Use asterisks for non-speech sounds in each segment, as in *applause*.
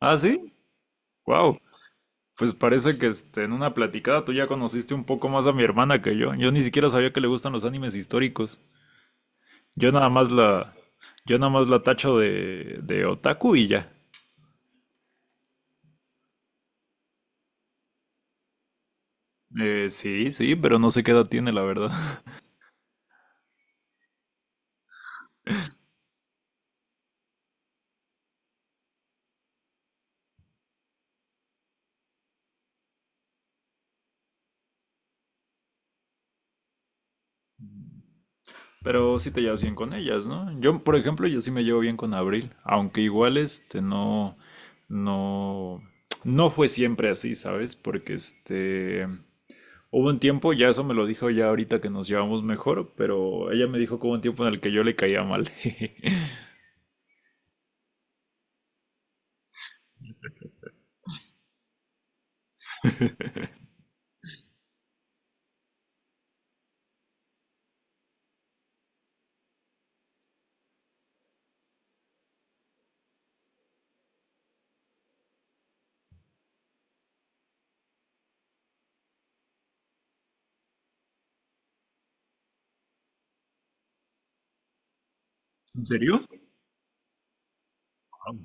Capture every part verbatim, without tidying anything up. Ah, sí, wow. Pues parece que este, en una platicada tú ya conociste un poco más a mi hermana que yo. Yo ni siquiera sabía que le gustan los animes históricos. Yo nada más la, yo nada más la tacho de, de otaku y ya. Eh, sí, sí, pero no sé qué edad tiene, la verdad. *laughs* Pero sí te llevas bien con ellas, ¿no? Yo, por ejemplo, yo sí me llevo bien con Abril, aunque igual este no, no, no fue siempre así, ¿sabes? Porque este, hubo un tiempo, ya eso me lo dijo ya ahorita que nos llevamos mejor, pero ella me dijo que hubo un tiempo en el que yo le caía mal. *laughs* ¿En serio? Wow.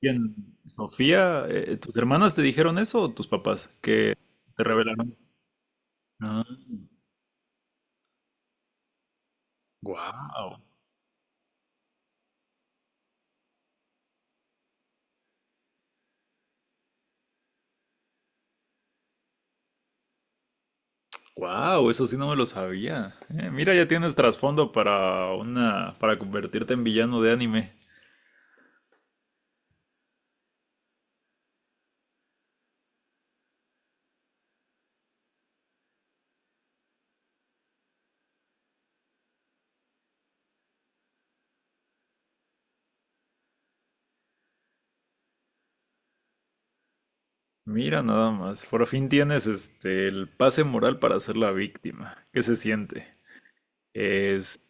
Bien, Sofía, eh, ¿tus hermanas te dijeron eso o tus papás que te revelaron? Ah, wow, wow, eso sí no me lo sabía. Eh, mira, ya tienes trasfondo para una, para convertirte en villano de anime. Mira, nada más. Por fin tienes este el pase moral para ser la víctima. ¿Qué se siente? Es,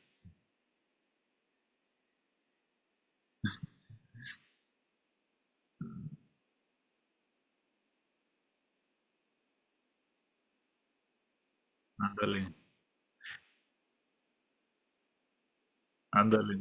ándale. Ándale.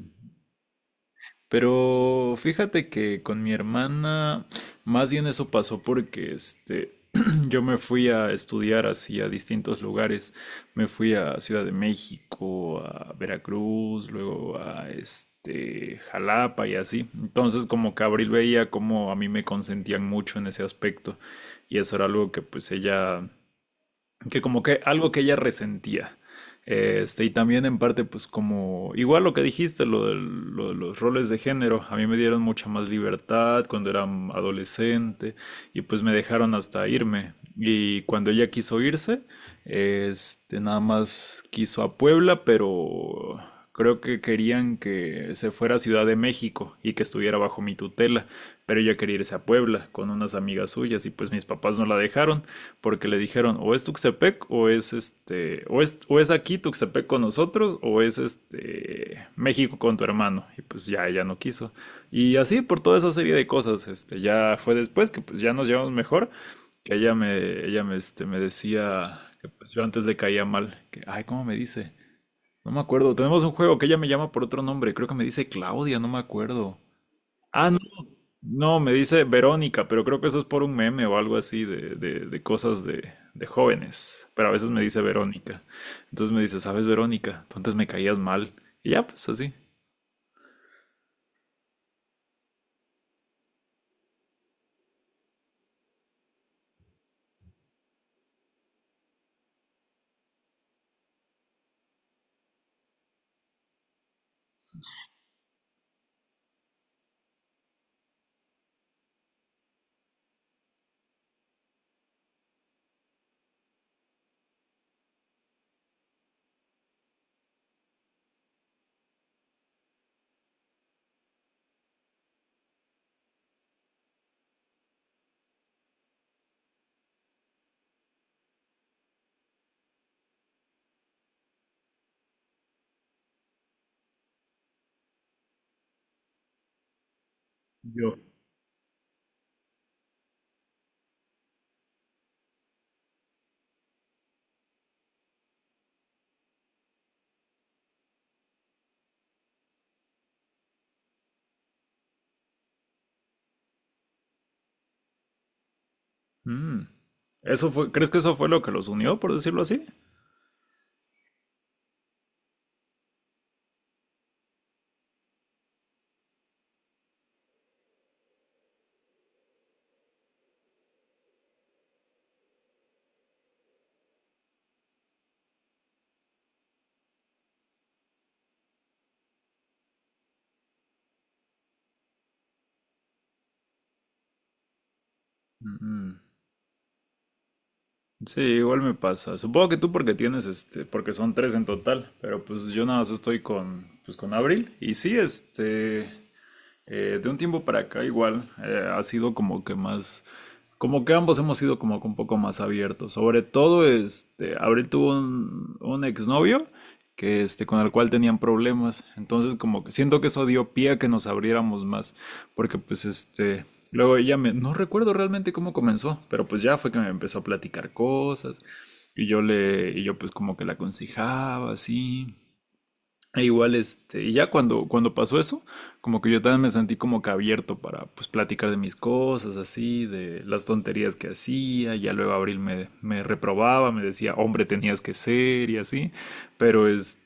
Pero fíjate que con mi hermana, más bien eso pasó porque este, *clears throat* yo me fui a estudiar así a distintos lugares. Me fui a Ciudad de México, a Veracruz, luego a este, Jalapa y así. Entonces, como que Abril veía como a mí me consentían mucho en ese aspecto. Y eso era algo que pues ella que como que algo que ella resentía. Este, y también en parte, pues como, igual lo que dijiste, lo de, lo de los roles de género, a mí me dieron mucha más libertad cuando era adolescente y pues me dejaron hasta irme. Y cuando ella quiso irse, este, nada más quiso a Puebla, pero creo que querían que se fuera a Ciudad de México y que estuviera bajo mi tutela, pero ella quería irse a Puebla con unas amigas suyas y pues mis papás no la dejaron porque le dijeron o es Tuxtepec o es este o es, o es aquí Tuxtepec con nosotros o es este México con tu hermano. Y pues ya ella no quiso, y así, por toda esa serie de cosas, este ya fue después que pues ya nos llevamos mejor, que ella me ella me, este, me decía que pues yo antes le caía mal, que ay, cómo me dice, no me acuerdo. Tenemos un juego que ella me llama por otro nombre. Creo que me dice Claudia, no me acuerdo. Ah, no, no, me dice Verónica, pero creo que eso es por un meme o algo así de, de- de cosas de, de jóvenes. Pero a veces me dice Verónica. Entonces me dice, ¿sabes, Verónica? Tú antes me caías mal. Y ya, pues así. Yo. Mm, ¿Eso fue, crees que eso fue lo que los unió, por decirlo así? Mm, sí, igual me pasa. Supongo que tú porque tienes este, porque son tres en total, pero pues yo nada más estoy con, pues con Abril. Y sí, este, Eh, de un tiempo para acá igual, eh, ha sido como que más, como que ambos hemos sido como que un poco más abiertos. Sobre todo, este, Abril tuvo un, un exnovio que, este, con el cual tenían problemas. Entonces, como que siento que eso dio pie a que nos abriéramos más, porque pues, este, luego ella me, no recuerdo realmente cómo comenzó, pero pues ya fue que me empezó a platicar cosas, y yo le, y yo pues como que la aconsejaba así. E igual, este, y ya cuando, cuando pasó eso, como que yo también me sentí como que abierto para pues platicar de mis cosas, así, de las tonterías que hacía, ya luego Abril me, me reprobaba, me decía, hombre, tenías que ser, y así, pero, este,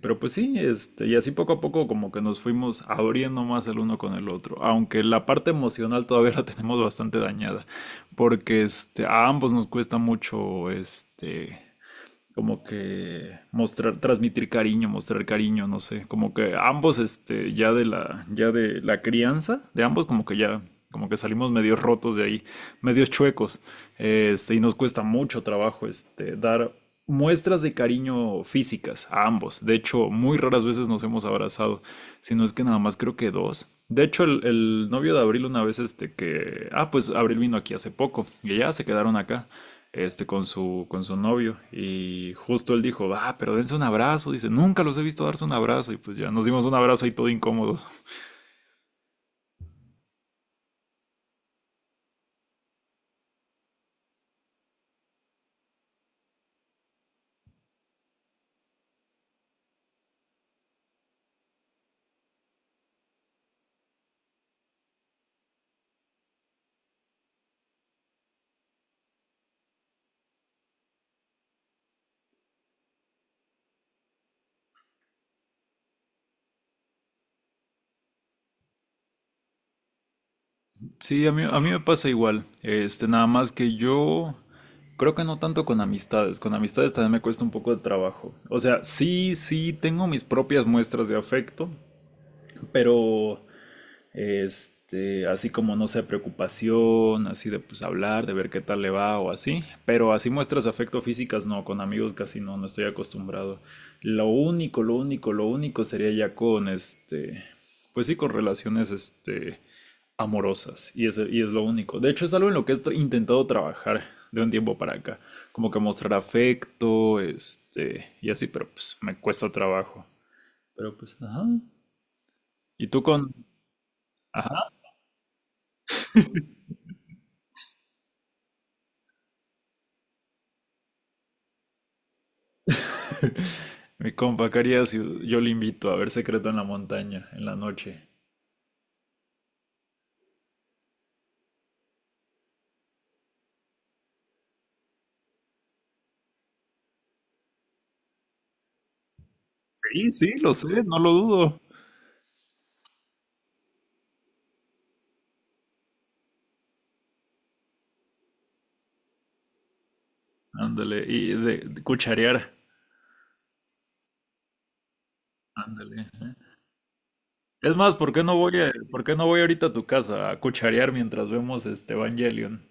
pero pues sí, este, y así poco a poco como que nos fuimos abriendo más el uno con el otro, aunque la parte emocional todavía la tenemos bastante dañada, porque, este, a ambos nos cuesta mucho, este como que mostrar, transmitir cariño, mostrar cariño, no sé, como que ambos, este, ya de la, ya de la crianza, de ambos como que ya, como que salimos medio rotos de ahí, medios chuecos, este, y nos cuesta mucho trabajo, este, dar muestras de cariño físicas a ambos. De hecho, muy raras veces nos hemos abrazado, si no es que nada más creo que dos. De hecho, el, el novio de Abril una vez, este, que, ah, pues Abril vino aquí hace poco, y ya se quedaron acá, este, con su, con su novio. Y justo él dijo, ah, pero dense un abrazo. Dice, nunca los he visto darse un abrazo. Y pues ya nos dimos un abrazo y todo incómodo. Sí, a mí, a mí me pasa igual. Este, nada más que yo creo que no tanto con amistades. Con amistades también me cuesta un poco de trabajo. O sea, sí, sí, tengo mis propias muestras de afecto, pero, Este, así, como no sé, preocupación, así de pues hablar, de ver qué tal le va o así. Pero así muestras afecto físicas, no, con amigos casi no, no estoy acostumbrado. Lo único, lo único, lo único sería ya con, este, pues sí, con relaciones, este, amorosas. Y es, y es lo único. De hecho, es algo en lo que he tra- intentado trabajar de un tiempo para acá. Como que mostrar afecto, este, y así, pero pues me cuesta trabajo. Pero pues, ajá. ¿Y tú con? Ajá. Mi compa, ¿qué haría si yo le invito a ver Secreto en la Montaña en la noche? Sí, sí, lo sé, no lo dudo. Ándale, y de, de cucharear. Ándale. Ajá. Es más, ¿por qué no voy a, por qué no voy ahorita a tu casa a cucharear mientras vemos este Evangelion?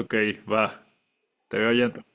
Ok, va. Te veo allá.